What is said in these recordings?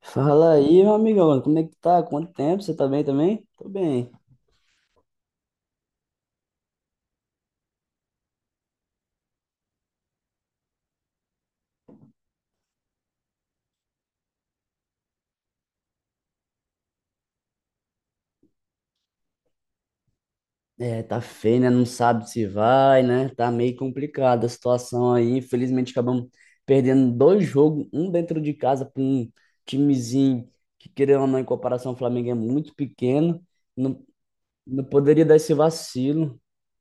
Fala aí, meu amigão, como é que tá? Quanto tempo? Você tá bem também? Tô bem. É, tá feio, né? Não sabe se vai, né? Tá meio complicada a situação aí. Infelizmente, acabamos perdendo dois jogos, um dentro de casa para um timezinho que, querendo ou não, em comparação ao Flamengo, é muito pequeno. Não, não poderia dar esse vacilo.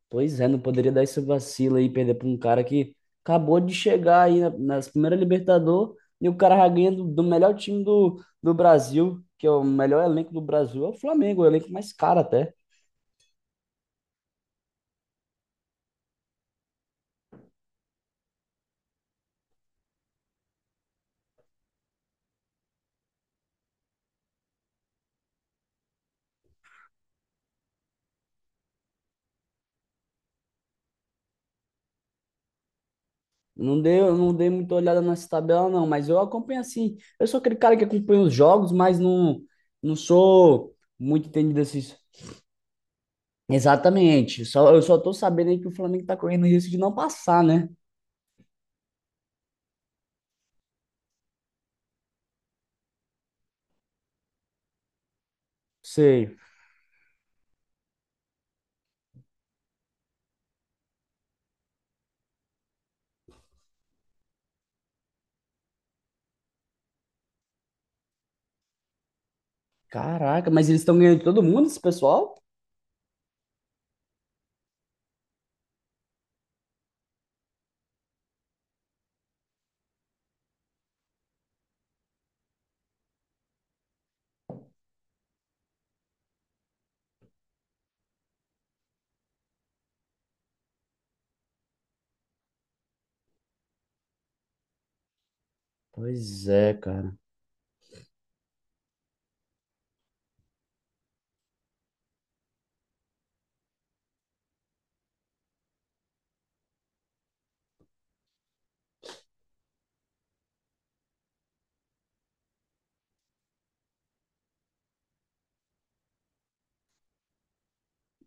Pois é, não poderia dar esse vacilo aí, perder para um cara que acabou de chegar aí nas primeiras Libertadores e o cara já ganha do melhor time do Brasil, que é o melhor elenco do Brasil, é o Flamengo, o elenco mais caro até. Não dei, eu não dei muita olhada nessa tabela, não, mas eu acompanho assim. Eu sou aquele cara que acompanha os jogos, não sou muito entendido desses. Exatamente, só, eu só tô sabendo aí que o Flamengo tá correndo risco de não passar, né? Sei. Caraca, mas eles estão ganhando de todo mundo, esse pessoal? Pois é, cara.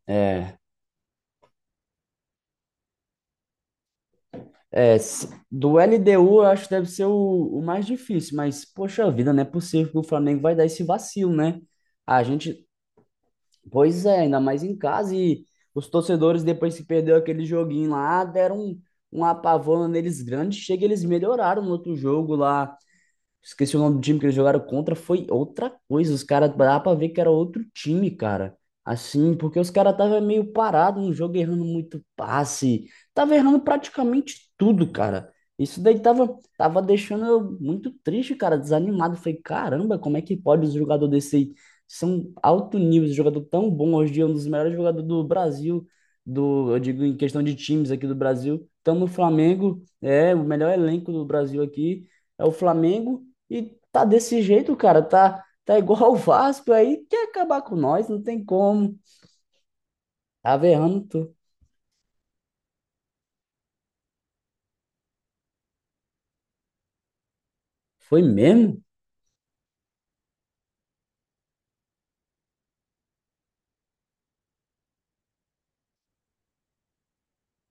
É, s- do LDU eu acho que deve ser o mais difícil, mas poxa vida, não é possível que o Flamengo vai dar esse vacilo, né? A gente, pois é, ainda mais em casa e os torcedores depois que perdeu aquele joguinho lá, deram um apavoro neles grande, chega eles melhoraram no outro jogo lá. Esqueci o nome do time que eles jogaram contra, foi outra coisa. Os caras, dá pra ver que era outro time, cara. Assim, porque os caras estavam meio parados no jogo, errando muito passe. Tava errando praticamente tudo, cara. Isso daí tava deixando eu muito triste, cara, desanimado. Falei, caramba, como é que pode os jogadores desse aí? São alto nível, esse jogador tão bom hoje em dia, um dos melhores jogadores do Brasil, do, eu digo em questão de times aqui do Brasil. Estamos no Flamengo, é o melhor elenco do Brasil aqui. É o Flamengo e tá desse jeito, cara. Tá igual o Vasco aí, quer acabar com nós, não tem como. Tava errando tudo. Foi mesmo?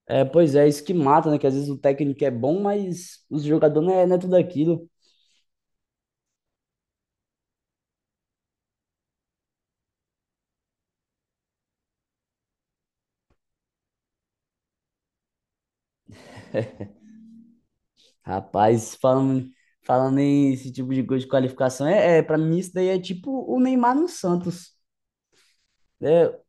É, pois é, isso que mata, né? Que às vezes o técnico é bom, mas os jogadores não é, não é tudo aquilo. Rapaz, falando em esse tipo de coisa de qualificação, é para mim isso daí é tipo o Neymar no Santos. É,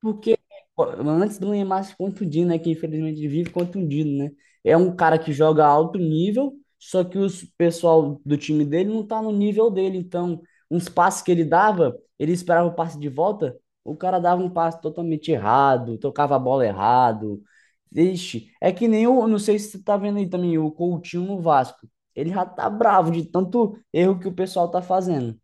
porque ó, antes do Neymar se contundir, né? Que infelizmente vive contundido, né? É um cara que joga alto nível, só que os pessoal do time dele não tá no nível dele. Então, uns passes que ele dava, ele esperava o passe de volta, o cara dava um passe totalmente errado, tocava a bola errado. Vixe, é que nem o, não sei se você tá vendo aí também, o Coutinho no Vasco. Ele já tá bravo de tanto erro que o pessoal tá fazendo.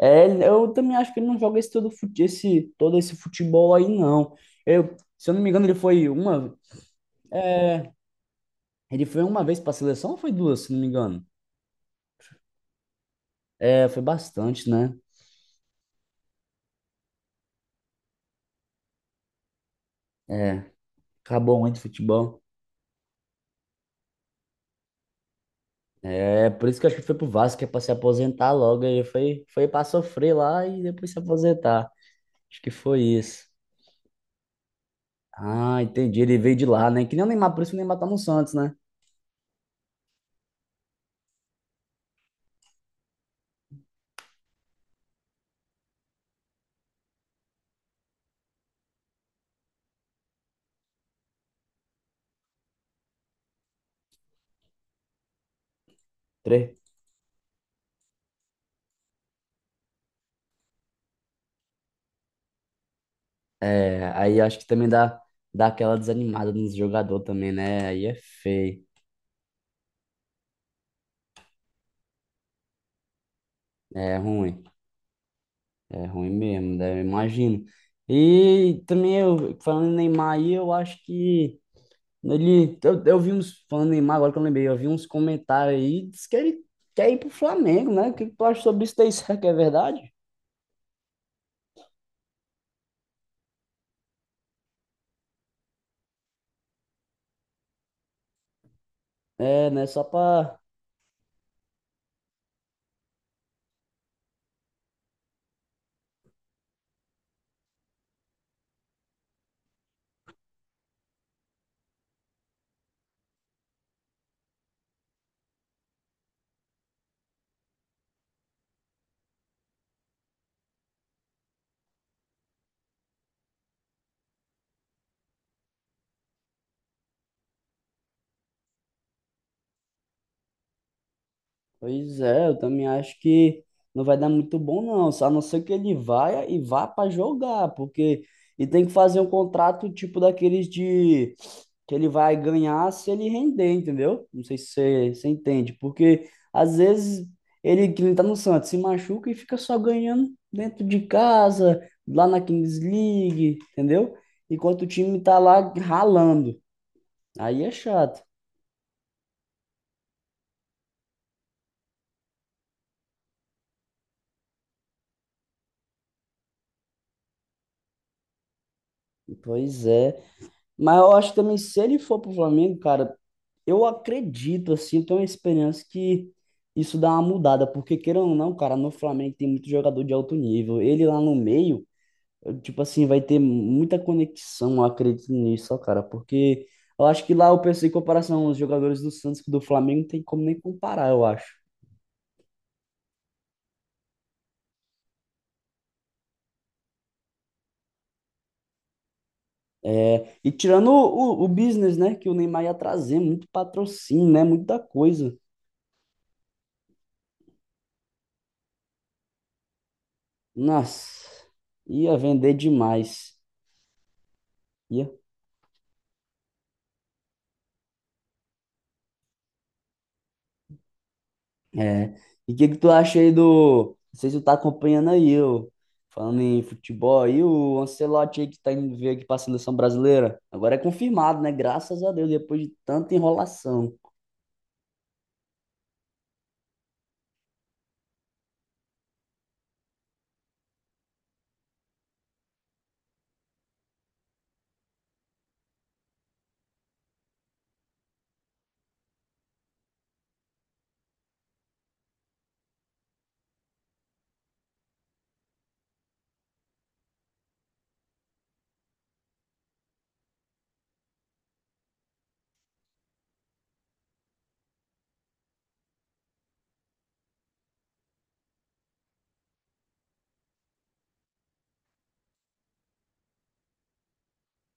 É, eu também acho que ele não joga esse todo, esse, todo esse futebol aí, não. Se eu não me engano, ele foi uma vez para a seleção ou foi duas, se não me engano? É, foi bastante, né? Acabou muito o futebol. É, por isso que eu acho que foi pro Vasco, que é pra se aposentar logo. Foi pra sofrer lá e depois se aposentar. Acho que foi isso. Ah, entendi. Ele veio de lá, né? Que nem o Neymar, por isso que o Neymar tá no Santos, né? Três. É, aí acho que também dá aquela desanimada nos jogador também, né? Aí é feio. É ruim, é ruim mesmo, né? Eu imagino. E também, eu, falando em Neymar aí, eu acho que ele. Eu vi uns. Falando em Neymar, agora que eu lembrei, eu vi uns comentários aí, diz que ele quer ir pro Flamengo, né? O que que tu acha sobre isso daí? Será que é verdade? É, né? Só pra pois é, eu também acho que não vai dar muito bom, não. Só a não ser que ele vá e vá para jogar, porque e tem que fazer um contrato tipo daqueles de que ele vai ganhar se ele render, entendeu? Não sei se você entende, porque às vezes ele que não tá no Santos se machuca e fica só ganhando dentro de casa, lá na Kings League, entendeu? Enquanto o time tá lá ralando. Aí é chato. Pois é. Mas eu acho também, se ele for pro Flamengo, cara. Eu acredito, assim, eu tenho uma experiência que isso dá uma mudada, porque queira ou não, cara, no Flamengo tem muito jogador de alto nível. Ele lá no meio, eu, tipo assim, vai ter muita conexão, eu acredito nisso, ó, cara, porque eu acho que lá eu pensei em comparação aos jogadores do Santos que do Flamengo, não tem como nem comparar, eu acho. É, e tirando o business, né, que o Neymar ia trazer, muito patrocínio, né, muita coisa. Nossa, ia vender demais. Ia. É. E o que que tu acha aí do. Não sei se tu tá acompanhando aí, ô, falando em futebol aí, o Ancelotti aí que tá indo ver aqui pra seleção brasileira. Agora é confirmado, né? Graças a Deus, depois de tanta enrolação.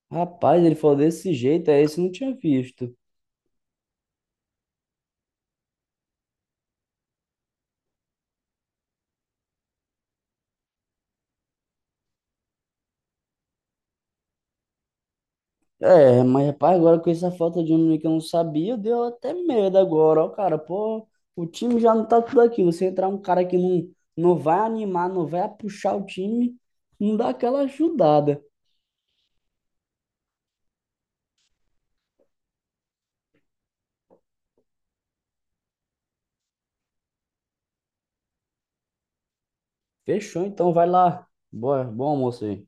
Rapaz, ele falou desse jeito, é esse eu não tinha visto. É, mas rapaz, agora com essa falta de um menino que eu não sabia, deu até medo agora, ó, cara. Pô, o time já não tá tudo aqui. Você entrar um cara que não vai animar, não vai puxar o time, não dá aquela ajudada. Fechou, então vai lá. Boa, bom almoço aí.